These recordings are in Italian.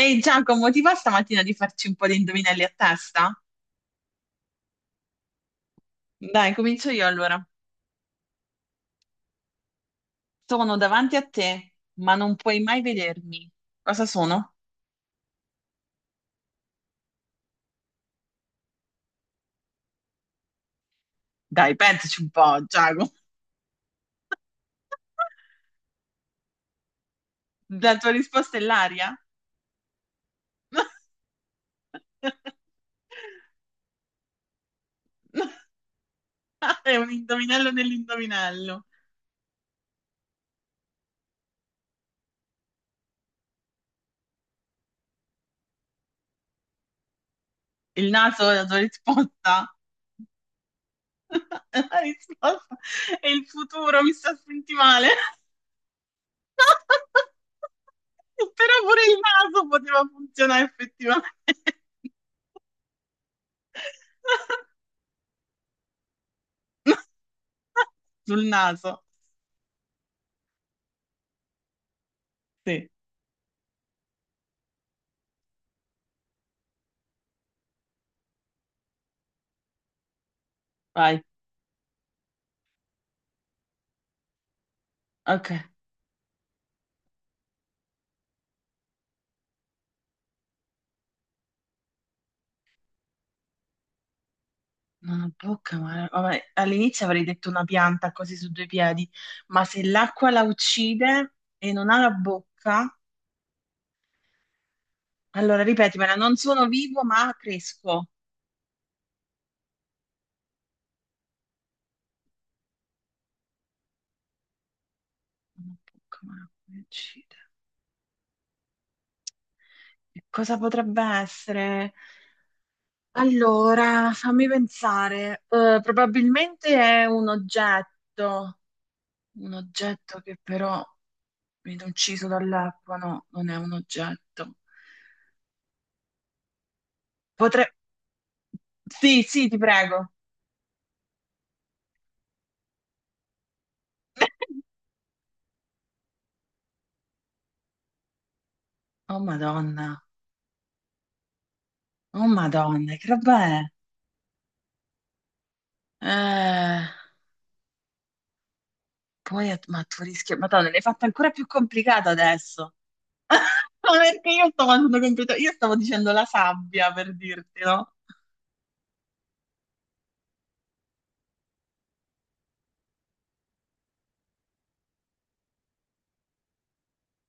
Ehi Giacomo, ti va stamattina di farci un po' di indovinelli a testa? Dai, comincio io allora. Sono davanti a te, ma non puoi mai vedermi. Cosa sono? Dai, pensaci un po', Giacomo. La tua risposta è l'aria? È un indovinello nell'indovinello. Il naso è la tua risposta? La risposta è il futuro, mi sta a sentire male. Però pure il naso poteva funzionare effettivamente. Sul naso. Sì, vai. Ok. Non ho bocca, ma vabbè, all'inizio avrei detto una pianta così su due piedi, ma se l'acqua la uccide e non ha la bocca, allora ripetimela, non sono vivo, ma cresco. Non ho bocca, ma l'acqua mi uccide. E cosa potrebbe essere? Allora, fammi pensare. Probabilmente è un oggetto che però viene ucciso dall'acqua, no, non è un oggetto. Potrei... Sì, sì, ti prego. Oh Madonna, oh Madonna, che roba è? Eh, poi, ma tu rischio, Madonna, l'hai fatta ancora più complicata adesso. Ma perché io stavo andando io stavo dicendo la sabbia per dirti, no?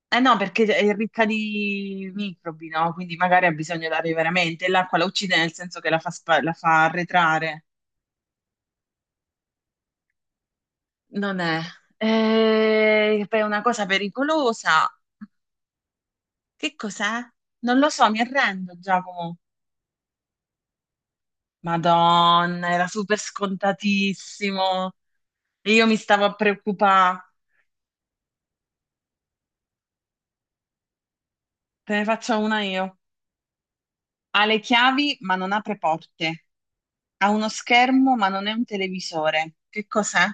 Eh no, perché è ricca di microbi, no? Quindi magari ha bisogno dell'aria veramente. E l'acqua la uccide nel senso che la fa, la fa arretrare. Non è. Poi è una cosa pericolosa. Che cos'è? Non lo so, mi arrendo, Giacomo. Madonna, era super scontatissimo. E io mi stavo a preoccupare. Te ne faccio una io. Ha le chiavi, ma non apre porte. Ha uno schermo, ma non è un televisore. Che cos'è?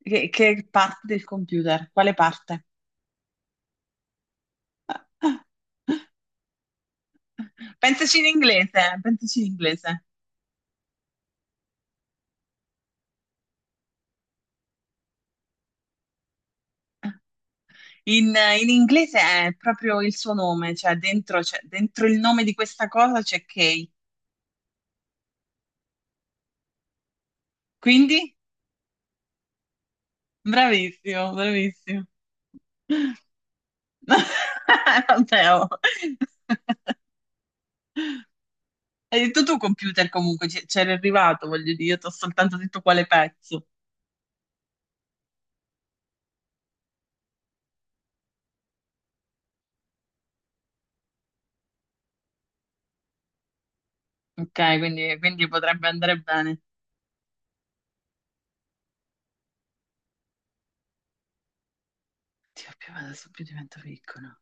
Che parte del computer? Quale parte? Pensaci in inglese, pensaci in inglese. In, in inglese è proprio il suo nome, cioè dentro, dentro il nome di questa cosa c'è Kay. Quindi? Bravissimo, bravissimo. Vabbè, oh. Hai detto tu computer comunque, c'era arrivato, voglio dire, io ti ho soltanto detto quale pezzo. Ok, quindi potrebbe andare bene. Dio, più adesso più divento piccolo.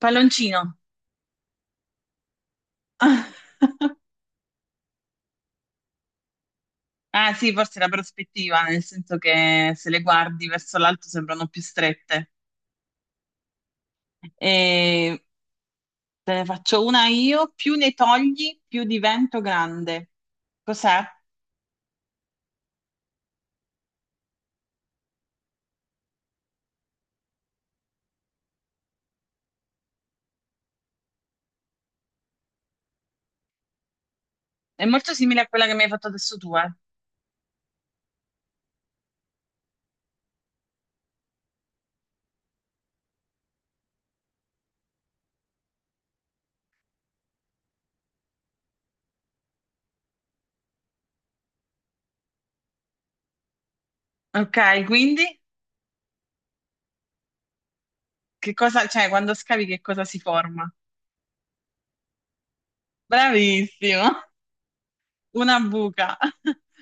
Palloncino. Ah sì, forse la prospettiva, nel senso che se le guardi verso l'alto sembrano più strette. E te ne faccio una io, più ne togli, più divento grande. Cos'è? È molto simile a quella che mi hai fatto adesso tu, eh. Ok, quindi che cosa, cioè quando scavi che cosa si forma? Bravissimo, una buca.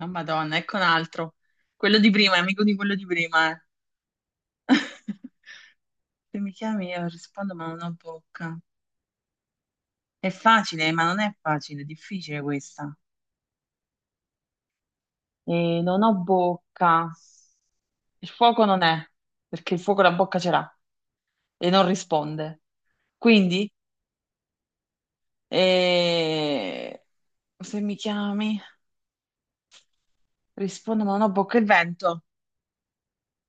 Oh, Madonna, ecco un altro. Quello di prima, è amico di quello di prima, eh. Se mi chiami io rispondo ma non ho bocca. È facile, ma non è facile, è difficile questa. E non ho bocca. Il fuoco non è, perché il fuoco la bocca ce l'ha e non risponde. Quindi, eh, se mi chiami, rispondo ma non ho bocca. Il vento.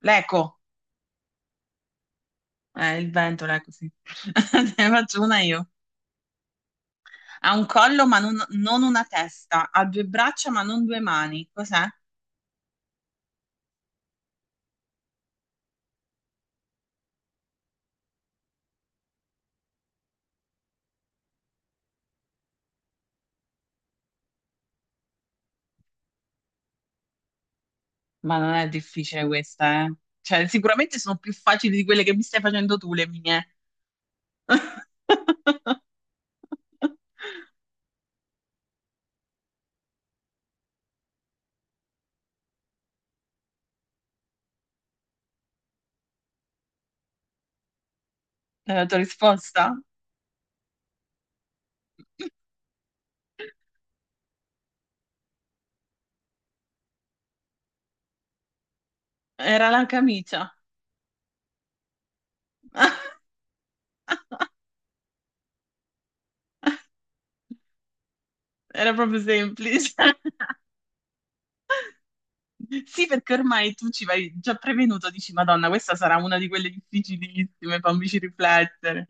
L'eco, il vento, l'eco, sì. Ne faccio una io. Ha un collo ma non una testa, ha due braccia ma non due mani. Cos'è? Ma non è difficile questa, eh. Cioè, sicuramente sono più facili di quelle che mi stai facendo tu, le mie. È la tua risposta? Era la camicia. Era proprio semplice. Sì, perché ormai tu ci vai già prevenuto, dici, Madonna, questa sarà una di quelle difficilissime, fammici riflettere.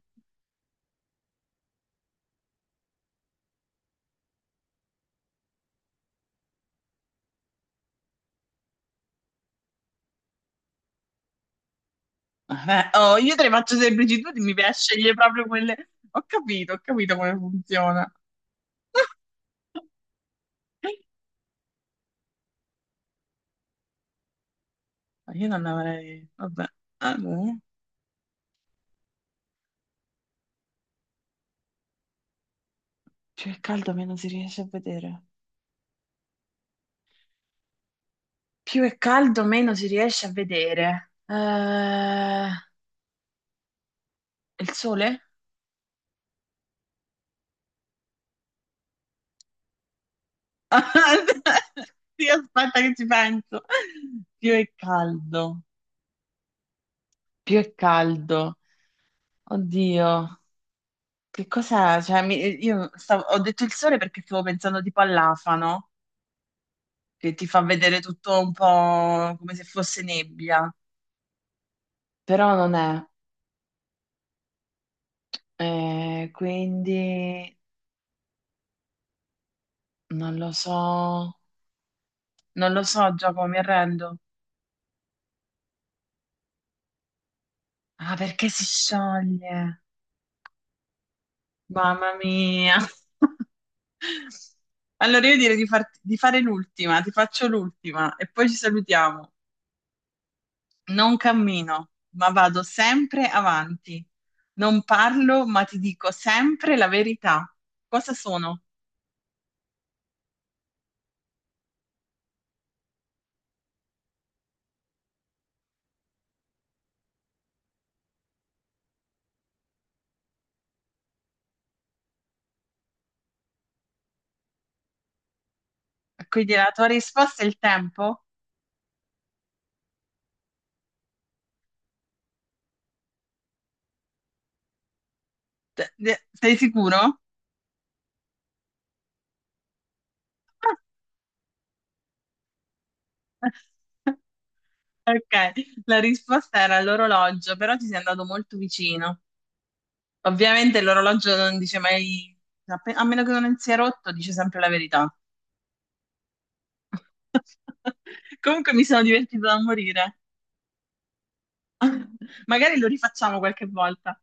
Eh, oh, io te le faccio semplici, tu mi piace scegliere proprio quelle. Ho capito come funziona. Ma io non avrei. Vabbè. Allora, più è caldo, meno si riesce a vedere. Più è caldo, meno si riesce a vedere. Il sole? Sì, aspetta che ci penso. Più è caldo, più è caldo. Oddio, che cos'è? Cioè, ho detto il sole perché stavo pensando tipo all'afano che ti fa vedere tutto un po' come se fosse nebbia, però non è. Quindi non lo so, non lo so Giacomo, mi arrendo. Ah, perché si scioglie? Mamma mia. Allora io direi di, di fare l'ultima, ti faccio l'ultima e poi ci salutiamo. Non cammino, ma vado sempre avanti. Non parlo, ma ti dico sempre la verità. Cosa sono? Quindi la tua risposta è il tempo? Sei sicuro? Ok, la risposta era l'orologio, però ti sei andato molto vicino. Ovviamente l'orologio non dice mai, a meno che non sia rotto, dice sempre la verità. Comunque mi sono divertita da morire. Magari lo rifacciamo qualche volta.